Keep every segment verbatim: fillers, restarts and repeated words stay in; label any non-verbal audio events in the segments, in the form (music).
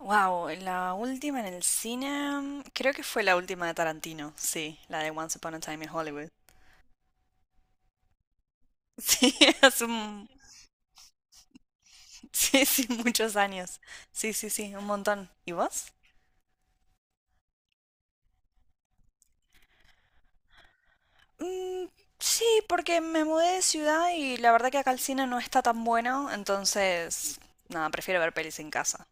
Wow, la última en el cine, creo que fue la última de Tarantino, sí, la de Once Upon a Time in Hollywood. (laughs) Sí, hace un- sí, sí, muchos años. Sí, sí, sí, un montón. ¿Y vos? Mm, sí, porque me mudé de ciudad y la verdad que acá el cine no está tan bueno, entonces, nada, prefiero ver pelis en casa.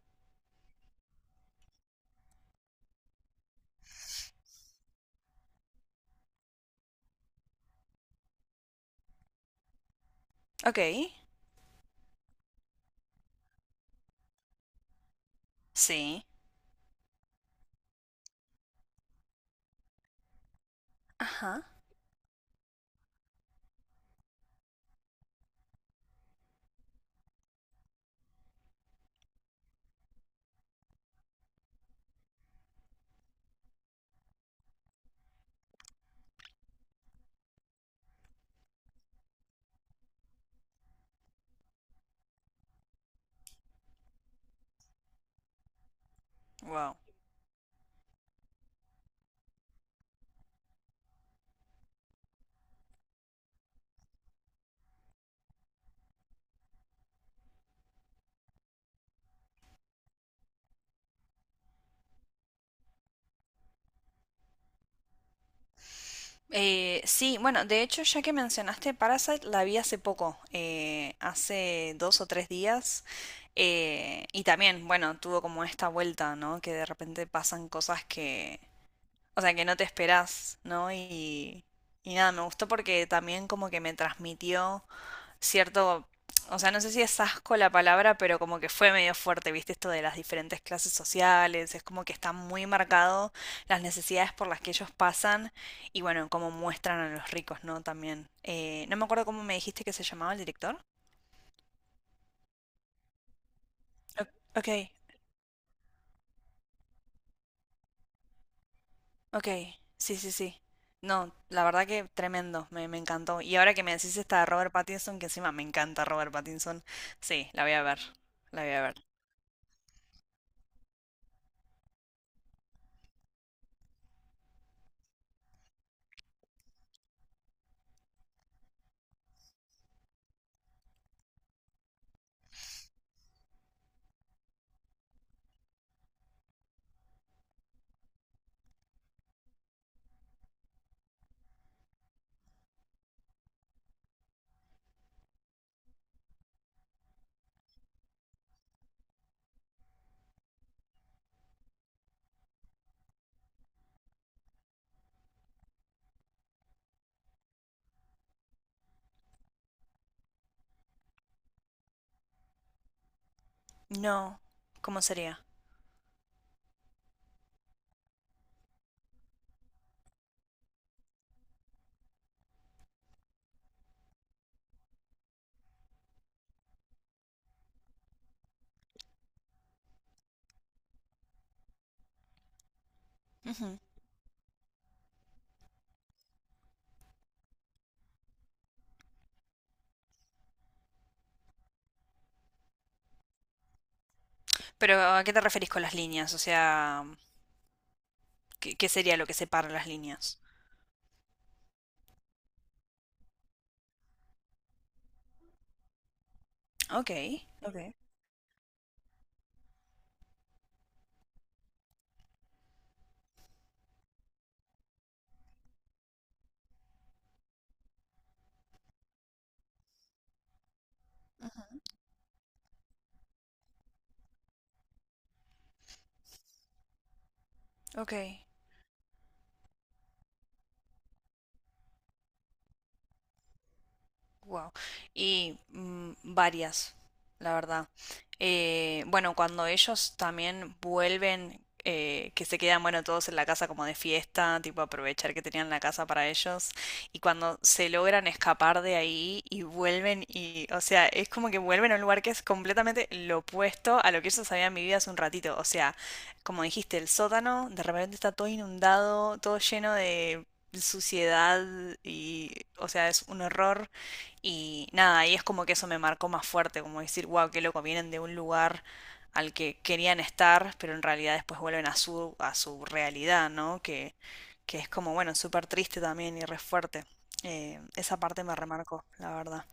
Ok, sí. Ajá. Wow. Eh, sí, bueno, de hecho, ya que mencionaste Parasite, la vi hace poco, eh, hace dos o tres días, eh, y también, bueno, tuvo como esta vuelta, ¿no? Que de repente pasan cosas que, o sea, que no te esperás, ¿no? Y, y nada, me gustó porque también como que me transmitió cierto, o sea, no sé si es asco la palabra, pero como que fue medio fuerte, ¿viste? Esto de las diferentes clases sociales, es como que está muy marcado las necesidades por las que ellos pasan y bueno, cómo muestran a los ricos, ¿no? También. Eh, no me acuerdo cómo me dijiste que se llamaba el director. O- Ok, ok, sí, sí, sí. No, la verdad que tremendo, me, me encantó. Y ahora que me decís esta de Robert Pattinson, que encima me encanta Robert Pattinson, sí, la voy a ver, la voy a ver. No, ¿cómo sería? Pero ¿a qué te referís con las líneas? O sea, ¿qué, qué sería lo que separa las líneas? Ok, ok. Ujú. Ok. Wow. Y mm, varias, la verdad. Eh, bueno, cuando ellos también vuelven, eh, que se quedan, bueno, todos en la casa como de fiesta, tipo aprovechar que tenían la casa para ellos, y cuando se logran escapar de ahí y vuelven y, o sea, es como que vuelven a un lugar que es completamente lo opuesto a lo que ellos habían vivido hace un ratito. O sea, como dijiste, el sótano de repente está todo inundado, todo lleno de suciedad y, o sea, es un horror. Y nada, y es como que eso me marcó más fuerte, como decir, wow, qué loco, vienen de un lugar al que querían estar, pero en realidad después vuelven a su, a su realidad, ¿no? Que, que es como, bueno, súper triste también y re fuerte. Eh, esa parte me remarcó, la verdad.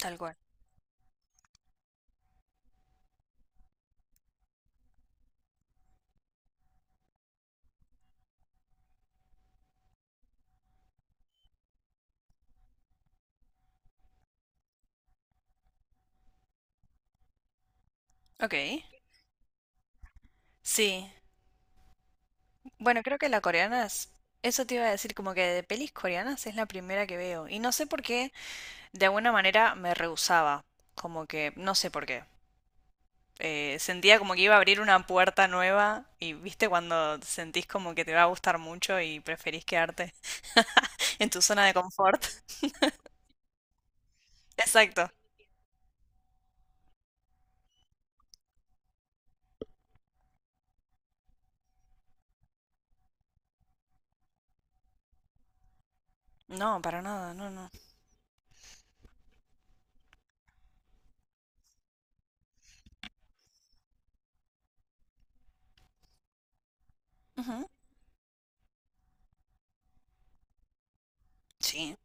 Tal cual. Ok. Sí. Bueno, creo que la coreana es... Eso te iba a decir, como que de pelis coreanas es la primera que veo. Y no sé por qué, de alguna manera me rehusaba. Como que, no sé por qué. Eh, sentía como que iba a abrir una puerta nueva y viste cuando sentís como que te va a gustar mucho y preferís quedarte (laughs) en tu zona de confort. (laughs) Exacto. No, para nada, no, no. Ujú. Sí,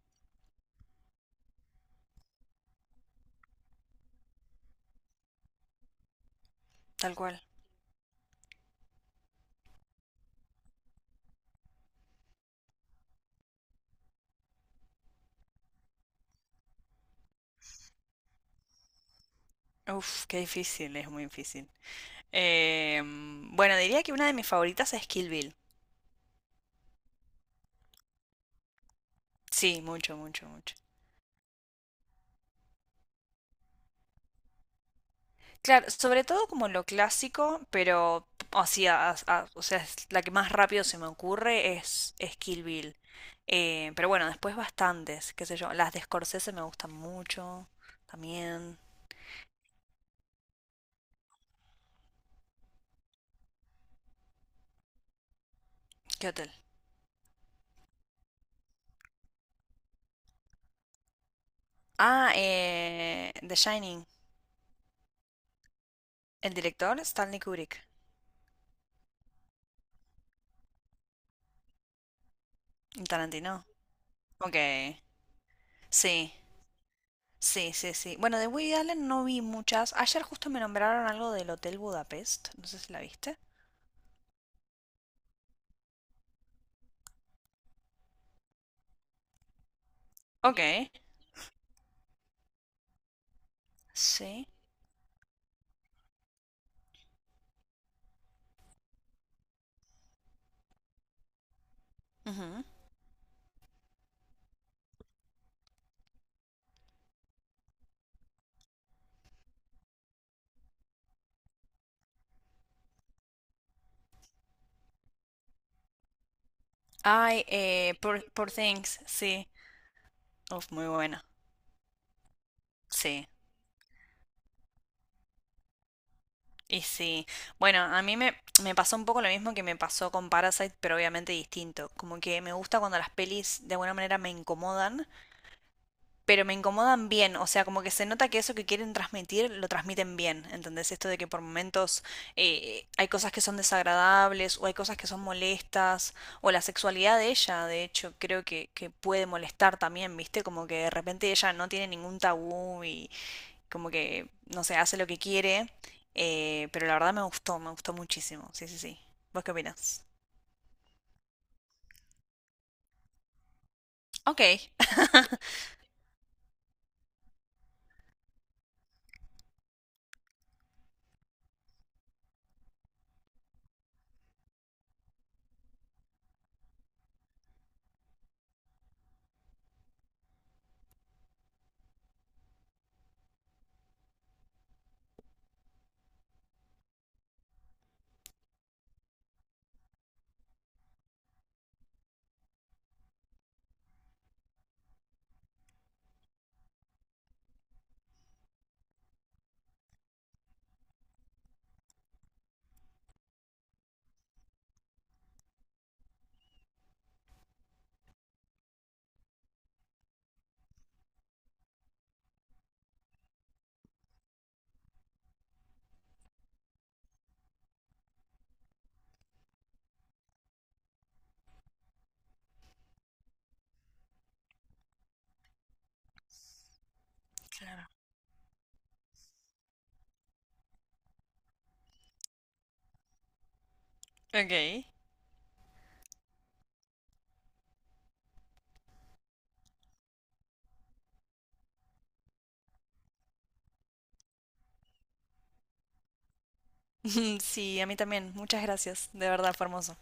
tal cual. Uf, qué difícil, es muy difícil. Em, bueno, diría que una de mis favoritas es Kill Bill. Sí, mucho, mucho, mucho. Claro, sobre todo como lo clásico, pero o sea, as- a- o sea, es la que más rápido se me ocurre es, es Kill Bill. Eh, pero bueno, después bastantes, qué sé yo. Las de Scorsese me gustan mucho también. ¿Qué hotel? Ah, eh, The Shining. El director Stanley Kubrick. Y Tarantino. Ok. Sí, sí, sí, sí. Bueno, de Woody Allen no vi muchas. Ayer justo me nombraron algo del Hotel Budapest. No sé si la viste. Ok. Sí. Ay, eh, Poor, Poor Things, sí. Uf, muy buena. Sí. Y sí. Bueno, a mí me, me pasó un poco lo mismo que me pasó con Parasite, pero obviamente distinto. Como que me gusta cuando las pelis de alguna manera me incomodan, pero me incomodan bien. O sea, como que se nota que eso que quieren transmitir lo transmiten bien. ¿Entendés? Esto de que por momentos eh, hay cosas que son desagradables o hay cosas que son molestas o la sexualidad de ella, de hecho, creo que, que puede molestar también, ¿viste? Como que de repente ella no tiene ningún tabú y como que, no sé, hace lo que quiere, eh, pero la verdad me gustó, me gustó muchísimo, sí, sí, sí. ¿Vos qué opinas? Ok. (laughs) Ok. (laughs) Sí, a mí también, muchas gracias, de verdad, fue hermoso.